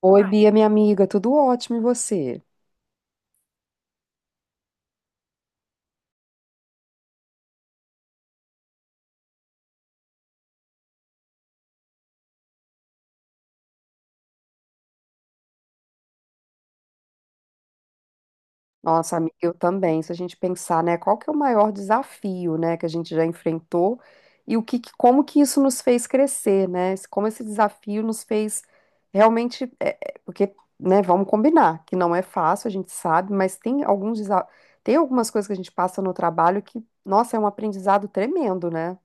Oi, Bia, minha amiga, tudo ótimo e você? Nossa, amiga, eu também. Se a gente pensar, né, qual que é o maior desafio, né, que a gente já enfrentou e o como que isso nos fez crescer, né? Como esse desafio nos fez realmente, porque, né, vamos combinar, que não é fácil, a gente sabe, mas tem tem algumas coisas que a gente passa no trabalho que, nossa, é um aprendizado tremendo, né?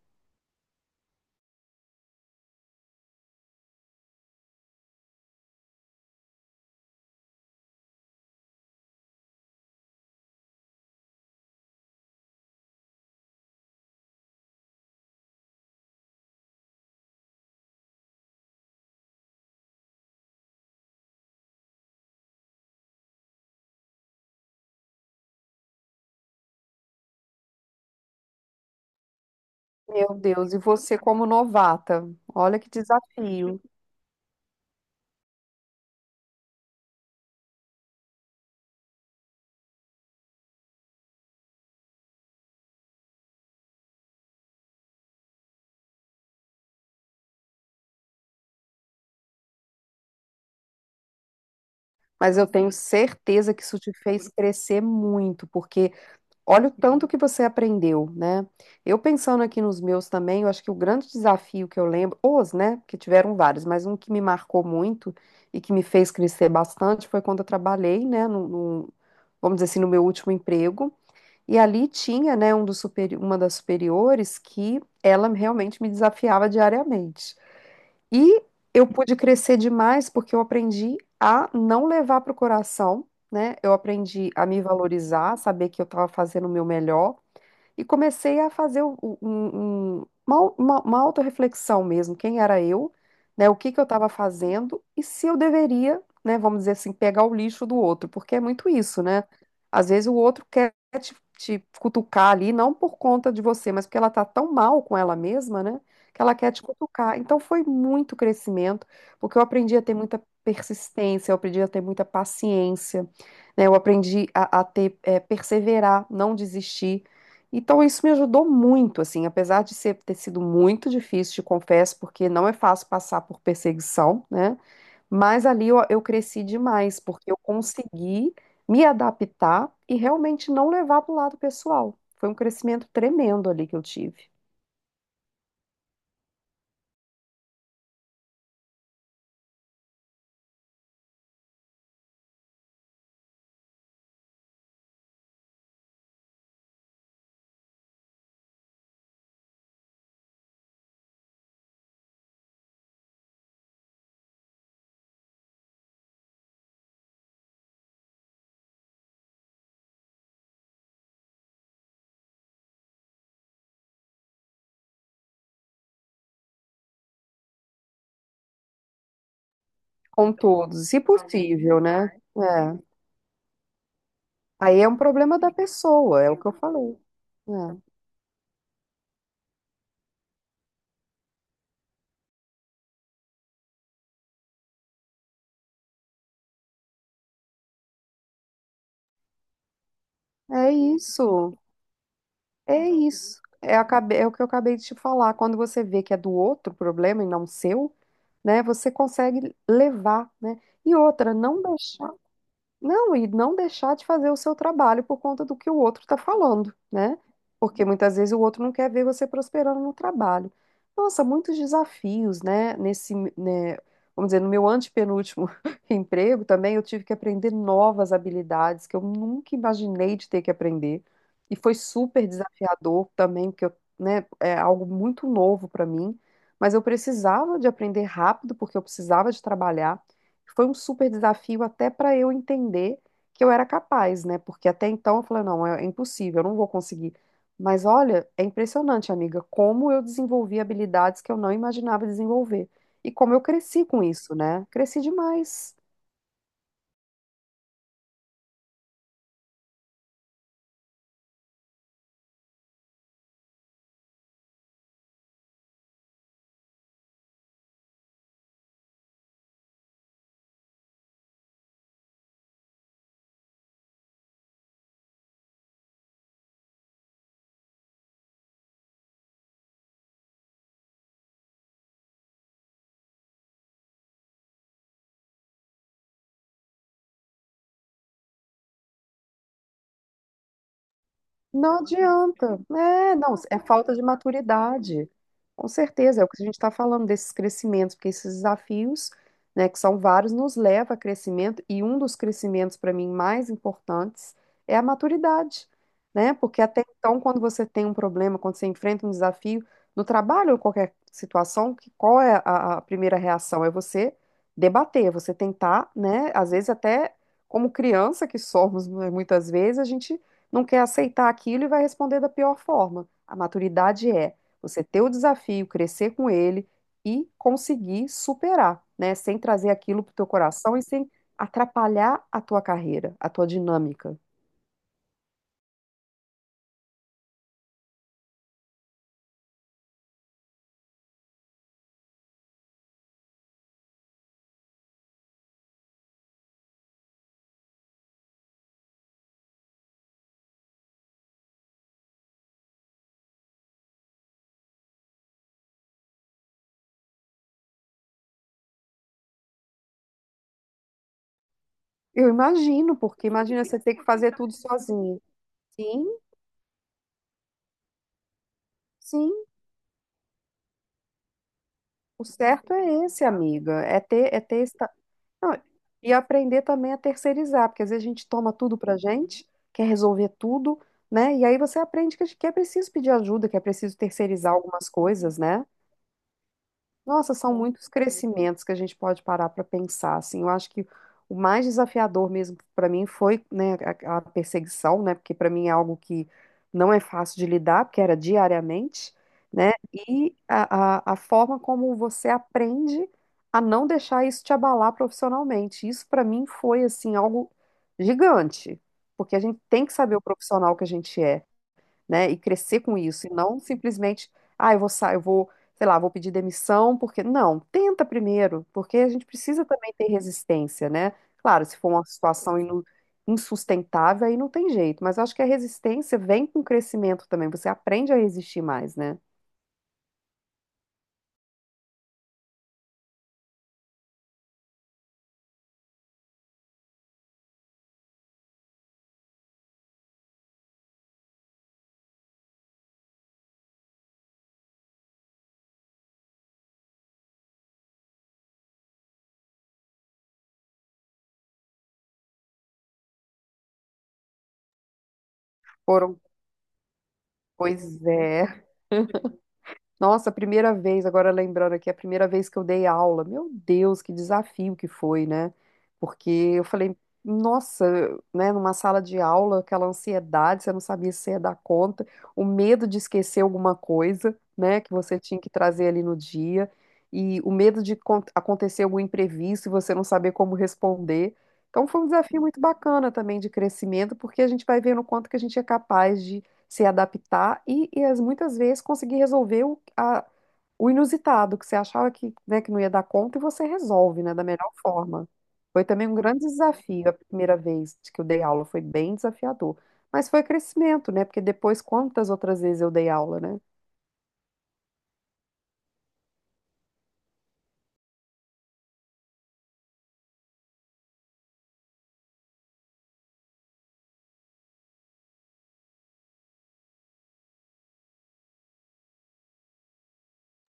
Meu Deus, e você como novata, olha que desafio. Mas eu tenho certeza que isso te fez crescer muito, porque olha o tanto que você aprendeu, né? Eu pensando aqui nos meus também, eu acho que o grande desafio que eu lembro, os, né, que tiveram vários, mas um que me marcou muito e que me fez crescer bastante foi quando eu trabalhei, né, vamos dizer assim, no meu último emprego. E ali tinha, né, uma das superiores que ela realmente me desafiava diariamente. E eu pude crescer demais porque eu aprendi a não levar para o coração, né? Eu aprendi a me valorizar, saber que eu estava fazendo o meu melhor e comecei a fazer uma autorreflexão mesmo, quem era eu, né, o que que eu estava fazendo e se eu deveria, né, vamos dizer assim, pegar o lixo do outro, porque é muito isso, né? Às vezes o outro quer te cutucar ali, não por conta de você, mas porque ela tá tão mal com ela mesma, né, que ela quer te cutucar. Então foi muito crescimento, porque eu aprendi a ter muita persistência, eu aprendi a ter muita paciência, né, eu aprendi a ter, perseverar, não desistir. Então, isso me ajudou muito, assim, apesar de ser, ter sido muito difícil, te confesso, porque não é fácil passar por perseguição, né? Mas ali eu cresci demais, porque eu consegui me adaptar e realmente não levar para o lado pessoal. Foi um crescimento tremendo ali que eu tive, com todos, se possível, né? É. Aí é um problema da pessoa, é o que eu falei. É, é isso. É isso. É, é o que eu acabei de te falar. Quando você vê que é do outro problema e não seu, né, você consegue levar, né? E outra, não deixar. Não, e não deixar de fazer o seu trabalho por conta do que o outro está falando, né? Porque muitas vezes o outro não quer ver você prosperando no trabalho. Nossa, muitos desafios, né? Nesse, né, vamos dizer, no meu antepenúltimo emprego também, eu tive que aprender novas habilidades que eu nunca imaginei de ter que aprender. E foi super desafiador também, porque eu, né, é algo muito novo para mim. Mas eu precisava de aprender rápido, porque eu precisava de trabalhar. Foi um super desafio até para eu entender que eu era capaz, né? Porque até então eu falei, não, é impossível, eu não vou conseguir. Mas olha, é impressionante, amiga, como eu desenvolvi habilidades que eu não imaginava desenvolver. E como eu cresci com isso, né? Cresci demais. Não adianta. É, não, é falta de maturidade. Com certeza, é o que a gente está falando desses crescimentos, porque esses desafios, né, que são vários, nos leva a crescimento, e um dos crescimentos, para mim, mais importantes é a maturidade, né? Porque até então, quando você tem um problema, quando você enfrenta um desafio, no trabalho ou qualquer situação, que, qual é a primeira reação? É você debater, você tentar, né? Às vezes até como criança que somos, né, muitas vezes, a gente não quer aceitar aquilo e vai responder da pior forma. A maturidade é você ter o desafio, crescer com ele e conseguir superar, né? Sem trazer aquilo para o teu coração e sem atrapalhar a tua carreira, a tua dinâmica. Eu imagino, porque imagina você ter que fazer tudo sozinho. Sim, sim, o certo é esse, amiga, é ter esse. Não, e aprender também a terceirizar, porque às vezes a gente toma tudo pra gente, quer resolver tudo, né? E aí você aprende que é preciso pedir ajuda, que é preciso terceirizar algumas coisas, né? Nossa, são muitos crescimentos que a gente pode parar para pensar, assim. Eu acho que o mais desafiador mesmo para mim foi, né, a perseguição, né, porque para mim é algo que não é fácil de lidar, porque era diariamente, né, e a forma como você aprende a não deixar isso te abalar profissionalmente. Isso para mim foi, assim, algo gigante, porque a gente tem que saber o profissional que a gente é, né? E crescer com isso, e não simplesmente, ah, eu vou sair, eu vou, sei lá, vou pedir demissão, porque não, tenta primeiro, porque a gente precisa também ter resistência, né? Claro, se for uma situação insustentável, aí não tem jeito, mas eu acho que a resistência vem com o crescimento também, você aprende a resistir mais, né? Foram, pois é. Nossa, a primeira vez, agora lembrando aqui, a primeira vez que eu dei aula, meu Deus, que desafio que foi, né? Porque eu falei, nossa, né, numa sala de aula, aquela ansiedade, você não sabia se ia dar conta, o medo de esquecer alguma coisa, né, que você tinha que trazer ali no dia, e o medo de acontecer algum imprevisto e você não saber como responder. Então foi um desafio muito bacana também de crescimento, porque a gente vai vendo o quanto que a gente é capaz se adaptar e muitas vezes conseguir resolver o inusitado, que você achava que, né, que não ia dar conta e você resolve, né, da melhor forma. Foi também um grande desafio a primeira vez que eu dei aula, foi bem desafiador. Mas foi crescimento, né? Porque depois, quantas outras vezes eu dei aula, né?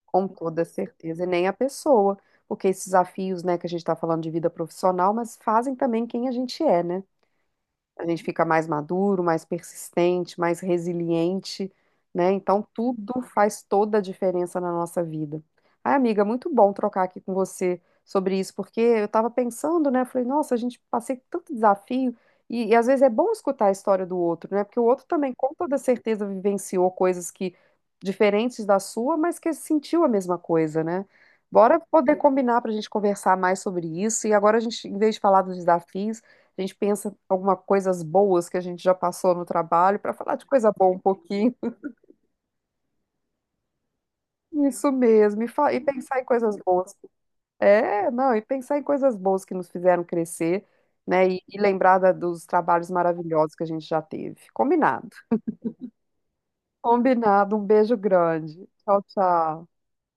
Com toda certeza, e nem a pessoa, porque esses desafios, né, que a gente está falando de vida profissional, mas fazem também quem a gente é, né? A gente fica mais maduro, mais persistente, mais resiliente, né? Então, tudo faz toda a diferença na nossa vida. Ai, amiga, muito bom trocar aqui com você sobre isso, porque eu estava pensando, né? Falei, nossa, a gente passei tanto desafio. E às vezes é bom escutar a história do outro, né? Porque o outro também, com toda certeza, vivenciou coisas que diferentes da sua, mas que sentiu a mesma coisa, né? Bora poder combinar para a gente conversar mais sobre isso. E agora a gente, em vez de falar dos desafios, a gente pensa em algumas coisas boas que a gente já passou no trabalho para falar de coisa boa um pouquinho. Isso mesmo, e pensar em coisas boas. É, não, e pensar em coisas boas que nos fizeram crescer, né? E lembrar dos trabalhos maravilhosos que a gente já teve. Combinado. Combinado. Um beijo grande. Tchau, tchau.